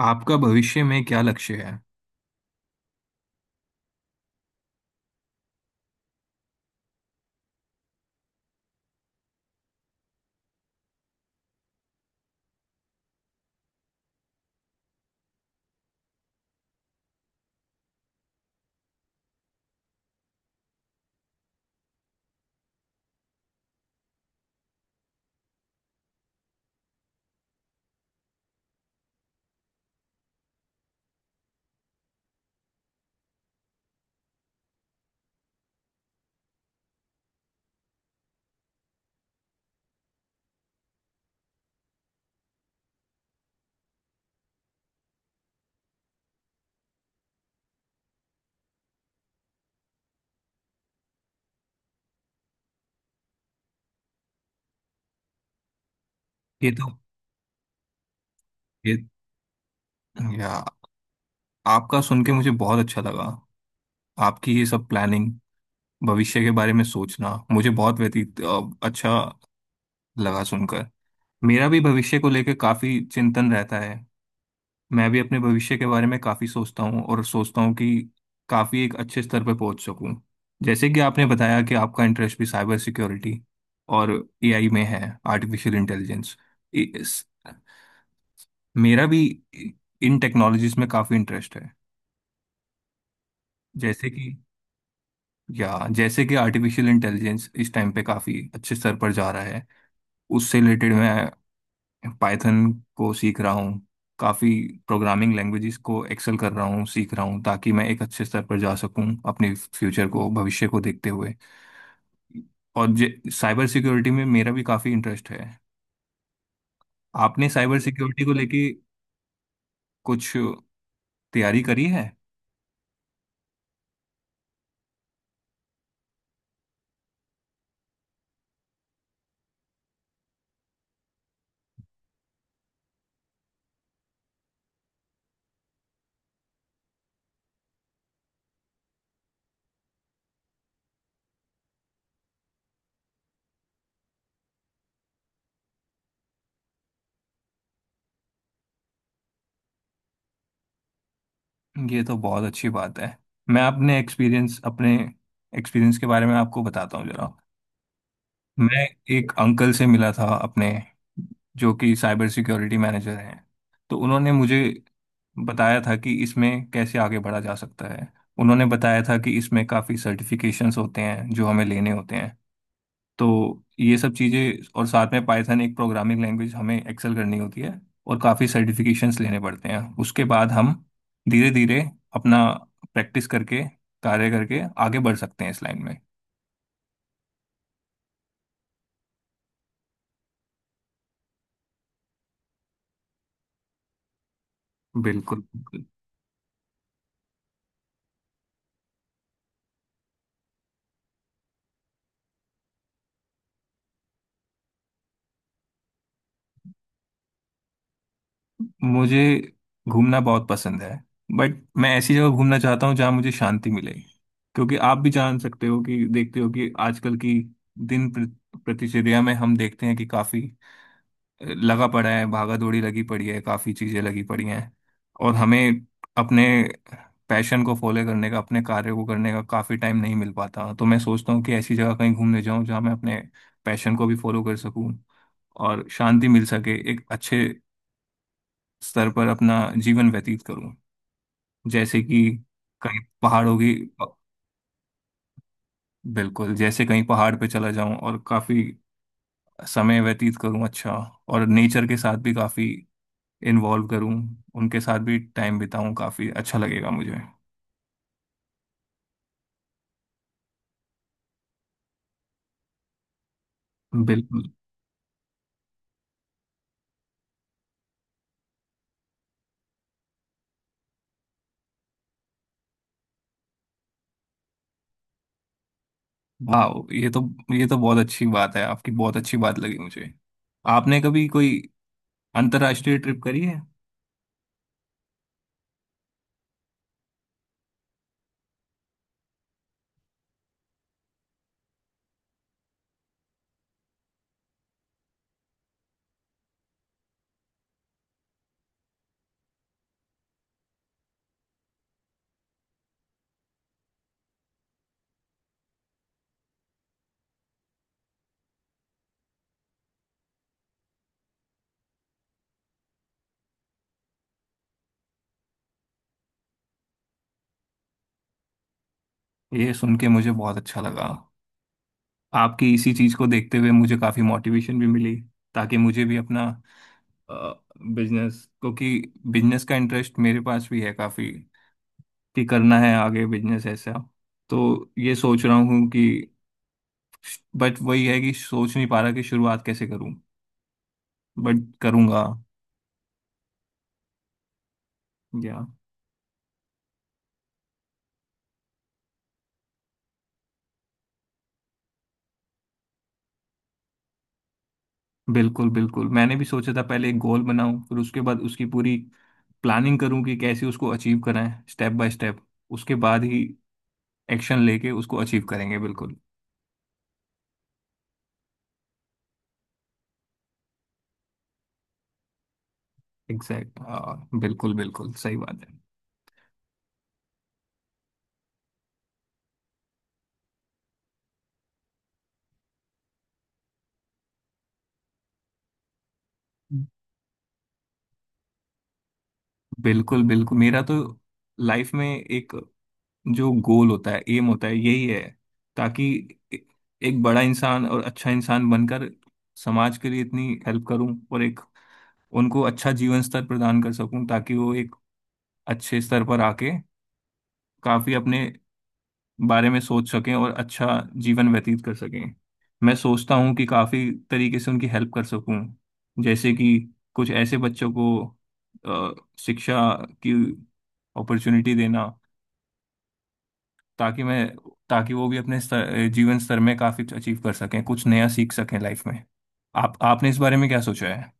आपका भविष्य में क्या लक्ष्य है? ये तो ये या आपका सुन के मुझे बहुत अच्छा लगा। आपकी ये सब प्लानिंग, भविष्य के बारे में सोचना मुझे बहुत अच्छा लगा सुनकर। मेरा भी भविष्य को लेकर काफी चिंतन रहता है। मैं भी अपने भविष्य के बारे में काफी सोचता हूँ और सोचता हूँ कि काफी एक अच्छे स्तर पर पहुंच सकूँ। जैसे कि आपने बताया कि आपका इंटरेस्ट भी साइबर सिक्योरिटी और एआई में है, आर्टिफिशियल इंटेलिजेंस। मेरा भी इन टेक्नोलॉजीज में काफ़ी इंटरेस्ट है। जैसे कि जैसे कि आर्टिफिशियल इंटेलिजेंस इस टाइम पे काफ़ी अच्छे स्तर पर जा रहा है। उससे रिलेटेड मैं पाइथन को सीख रहा हूँ, काफ़ी प्रोग्रामिंग लैंग्वेजेस को एक्सेल कर रहा हूँ, सीख रहा हूँ, ताकि मैं एक अच्छे स्तर पर जा सकूँ अपने फ्यूचर को, भविष्य को देखते हुए। और जे साइबर सिक्योरिटी में मेरा भी काफ़ी इंटरेस्ट है। आपने साइबर सिक्योरिटी को लेके कुछ तैयारी करी है? ये तो बहुत अच्छी बात है। मैं अपने एक्सपीरियंस के बारे में आपको बताता हूँ जरा। मैं एक अंकल से मिला था अपने, जो कि साइबर सिक्योरिटी मैनेजर हैं। तो उन्होंने मुझे बताया था कि इसमें कैसे आगे बढ़ा जा सकता है। उन्होंने बताया था कि इसमें काफ़ी सर्टिफिकेशंस होते हैं जो हमें लेने होते हैं। तो ये सब चीज़ें, और साथ में पाइथन एक प्रोग्रामिंग लैंग्वेज हमें एक्सेल करनी होती है, और काफ़ी सर्टिफिकेशंस लेने पड़ते हैं। उसके बाद हम धीरे धीरे अपना प्रैक्टिस करके, कार्य करके आगे बढ़ सकते हैं इस लाइन में। बिल्कुल बिल्कुल। मुझे घूमना बहुत पसंद है, बट मैं ऐसी जगह घूमना चाहता हूँ जहाँ मुझे शांति मिले। क्योंकि आप भी जान सकते हो कि, देखते हो कि आजकल की प्रतिचर्या में हम देखते हैं कि काफ़ी लगा पड़ा है, भागा दौड़ी लगी पड़ी है, काफी चीजें लगी पड़ी हैं। और हमें अपने पैशन को फॉलो करने का, अपने कार्य को करने का काफी टाइम नहीं मिल पाता। तो मैं सोचता हूँ कि ऐसी जगह कहीं घूमने जाऊं जहां मैं अपने पैशन को भी फॉलो कर सकूं और शांति मिल सके, एक अच्छे स्तर पर अपना जीवन व्यतीत करूं। जैसे कि कहीं पहाड़ों की बिल्कुल, जैसे कहीं पहाड़ पे चला जाऊं और काफी समय व्यतीत करूं अच्छा, और नेचर के साथ भी काफी इन्वॉल्व करूं, उनके साथ भी टाइम बिताऊं। काफी अच्छा लगेगा मुझे। बिल्कुल। वाह, ये तो बहुत अच्छी बात है, आपकी बहुत अच्छी बात लगी मुझे। आपने कभी कोई अंतर्राष्ट्रीय ट्रिप करी है? ये सुन के मुझे बहुत अच्छा लगा। आपकी इसी चीज को देखते हुए मुझे काफी मोटिवेशन भी मिली, ताकि मुझे भी अपना बिजनेस, क्योंकि बिजनेस का इंटरेस्ट मेरे पास भी है काफी, कि करना है आगे बिजनेस ऐसा। तो ये सोच रहा हूँ कि, बट वही है कि सोच नहीं पा रहा कि शुरुआत कैसे करूं। बट करूंगा। या बिल्कुल बिल्कुल, मैंने भी सोचा था पहले एक गोल बनाऊं, फिर उसके बाद उसकी पूरी प्लानिंग करूं कि कैसे उसको अचीव कराएं स्टेप बाय स्टेप। उसके बाद ही एक्शन लेके उसको अचीव करेंगे बिल्कुल। एग्जैक्ट, हाँ, बिल्कुल बिल्कुल सही बात है। बिल्कुल बिल्कुल, मेरा तो लाइफ में एक जो गोल होता है, एम होता है, यही है। ताकि ए- एक बड़ा इंसान और अच्छा इंसान बनकर समाज के लिए इतनी हेल्प करूं, और एक उनको अच्छा जीवन स्तर प्रदान कर सकूं, ताकि वो एक अच्छे स्तर पर आके काफी अपने बारे में सोच सकें और अच्छा जीवन व्यतीत कर सकें। मैं सोचता हूं कि काफी तरीके से उनकी हेल्प कर सकूं। जैसे कि कुछ ऐसे बच्चों को शिक्षा की अपॉर्चुनिटी देना, ताकि मैं ताकि वो भी जीवन स्तर में काफी अचीव कर सकें, कुछ नया सीख सकें लाइफ में। आप आपने इस बारे में क्या सोचा है?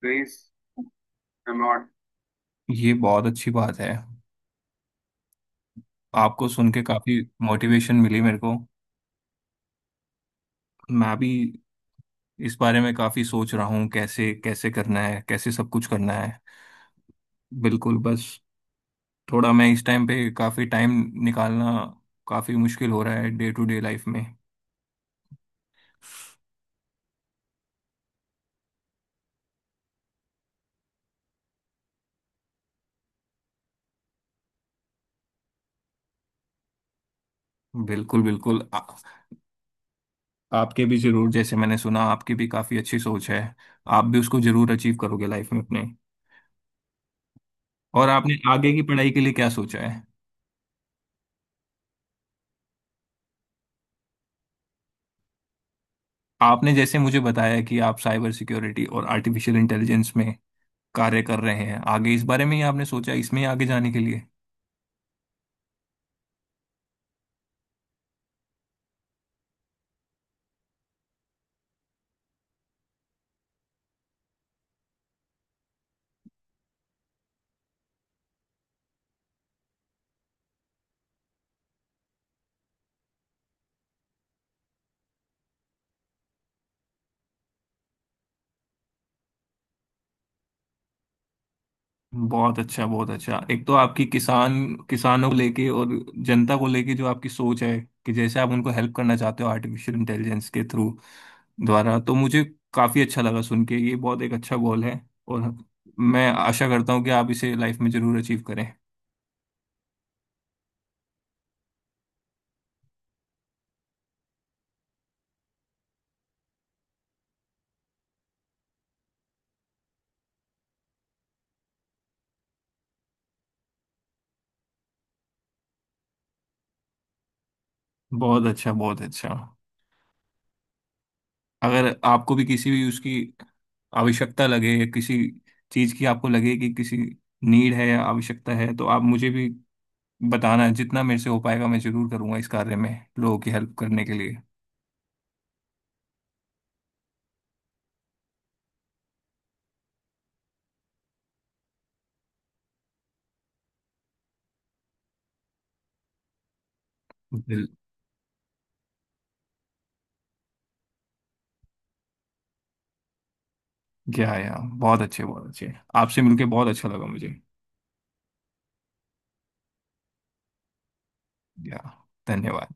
प्लीज, एम नॉट, ये बहुत अच्छी बात है। आपको सुन के काफी मोटिवेशन मिली मेरे को। मैं भी इस बारे में काफी सोच रहा हूँ, कैसे कैसे करना है, कैसे सब कुछ करना है। बिल्कुल, बस थोड़ा मैं इस टाइम पे काफी टाइम निकालना काफी मुश्किल हो रहा है डे टू डे लाइफ में। बिल्कुल बिल्कुल, आपके भी जरूर, जैसे मैंने सुना आपकी भी काफी अच्छी सोच है, आप भी उसको जरूर अचीव करोगे लाइफ में अपने। और आपने आगे की पढ़ाई के लिए क्या सोचा है? आपने जैसे मुझे बताया कि आप साइबर सिक्योरिटी और आर्टिफिशियल इंटेलिजेंस में कार्य कर रहे हैं, आगे इस बारे में ही आपने सोचा, इसमें ही आगे जाने के लिए। बहुत अच्छा, बहुत अच्छा। एक तो आपकी किसानों को लेके और जनता को लेके जो आपकी सोच है, कि जैसे आप उनको हेल्प करना चाहते हो आर्टिफिशियल इंटेलिजेंस के थ्रू द्वारा, तो मुझे काफी अच्छा लगा सुन के। ये बहुत एक अच्छा गोल है, और मैं आशा करता हूँ कि आप इसे लाइफ में जरूर अचीव करें। बहुत अच्छा बहुत अच्छा। अगर आपको भी किसी भी उसकी आवश्यकता लगे, या किसी चीज की आपको लगे कि किसी नीड है या आवश्यकता है, तो आप मुझे भी बताना। जितना मेरे से हो पाएगा मैं जरूर करूंगा इस कार्य में, लोगों की हेल्प करने के लिए। दिल, क्या, या, बहुत अच्छे बहुत अच्छे, आपसे मिलके बहुत अच्छा लगा मुझे। या, धन्यवाद।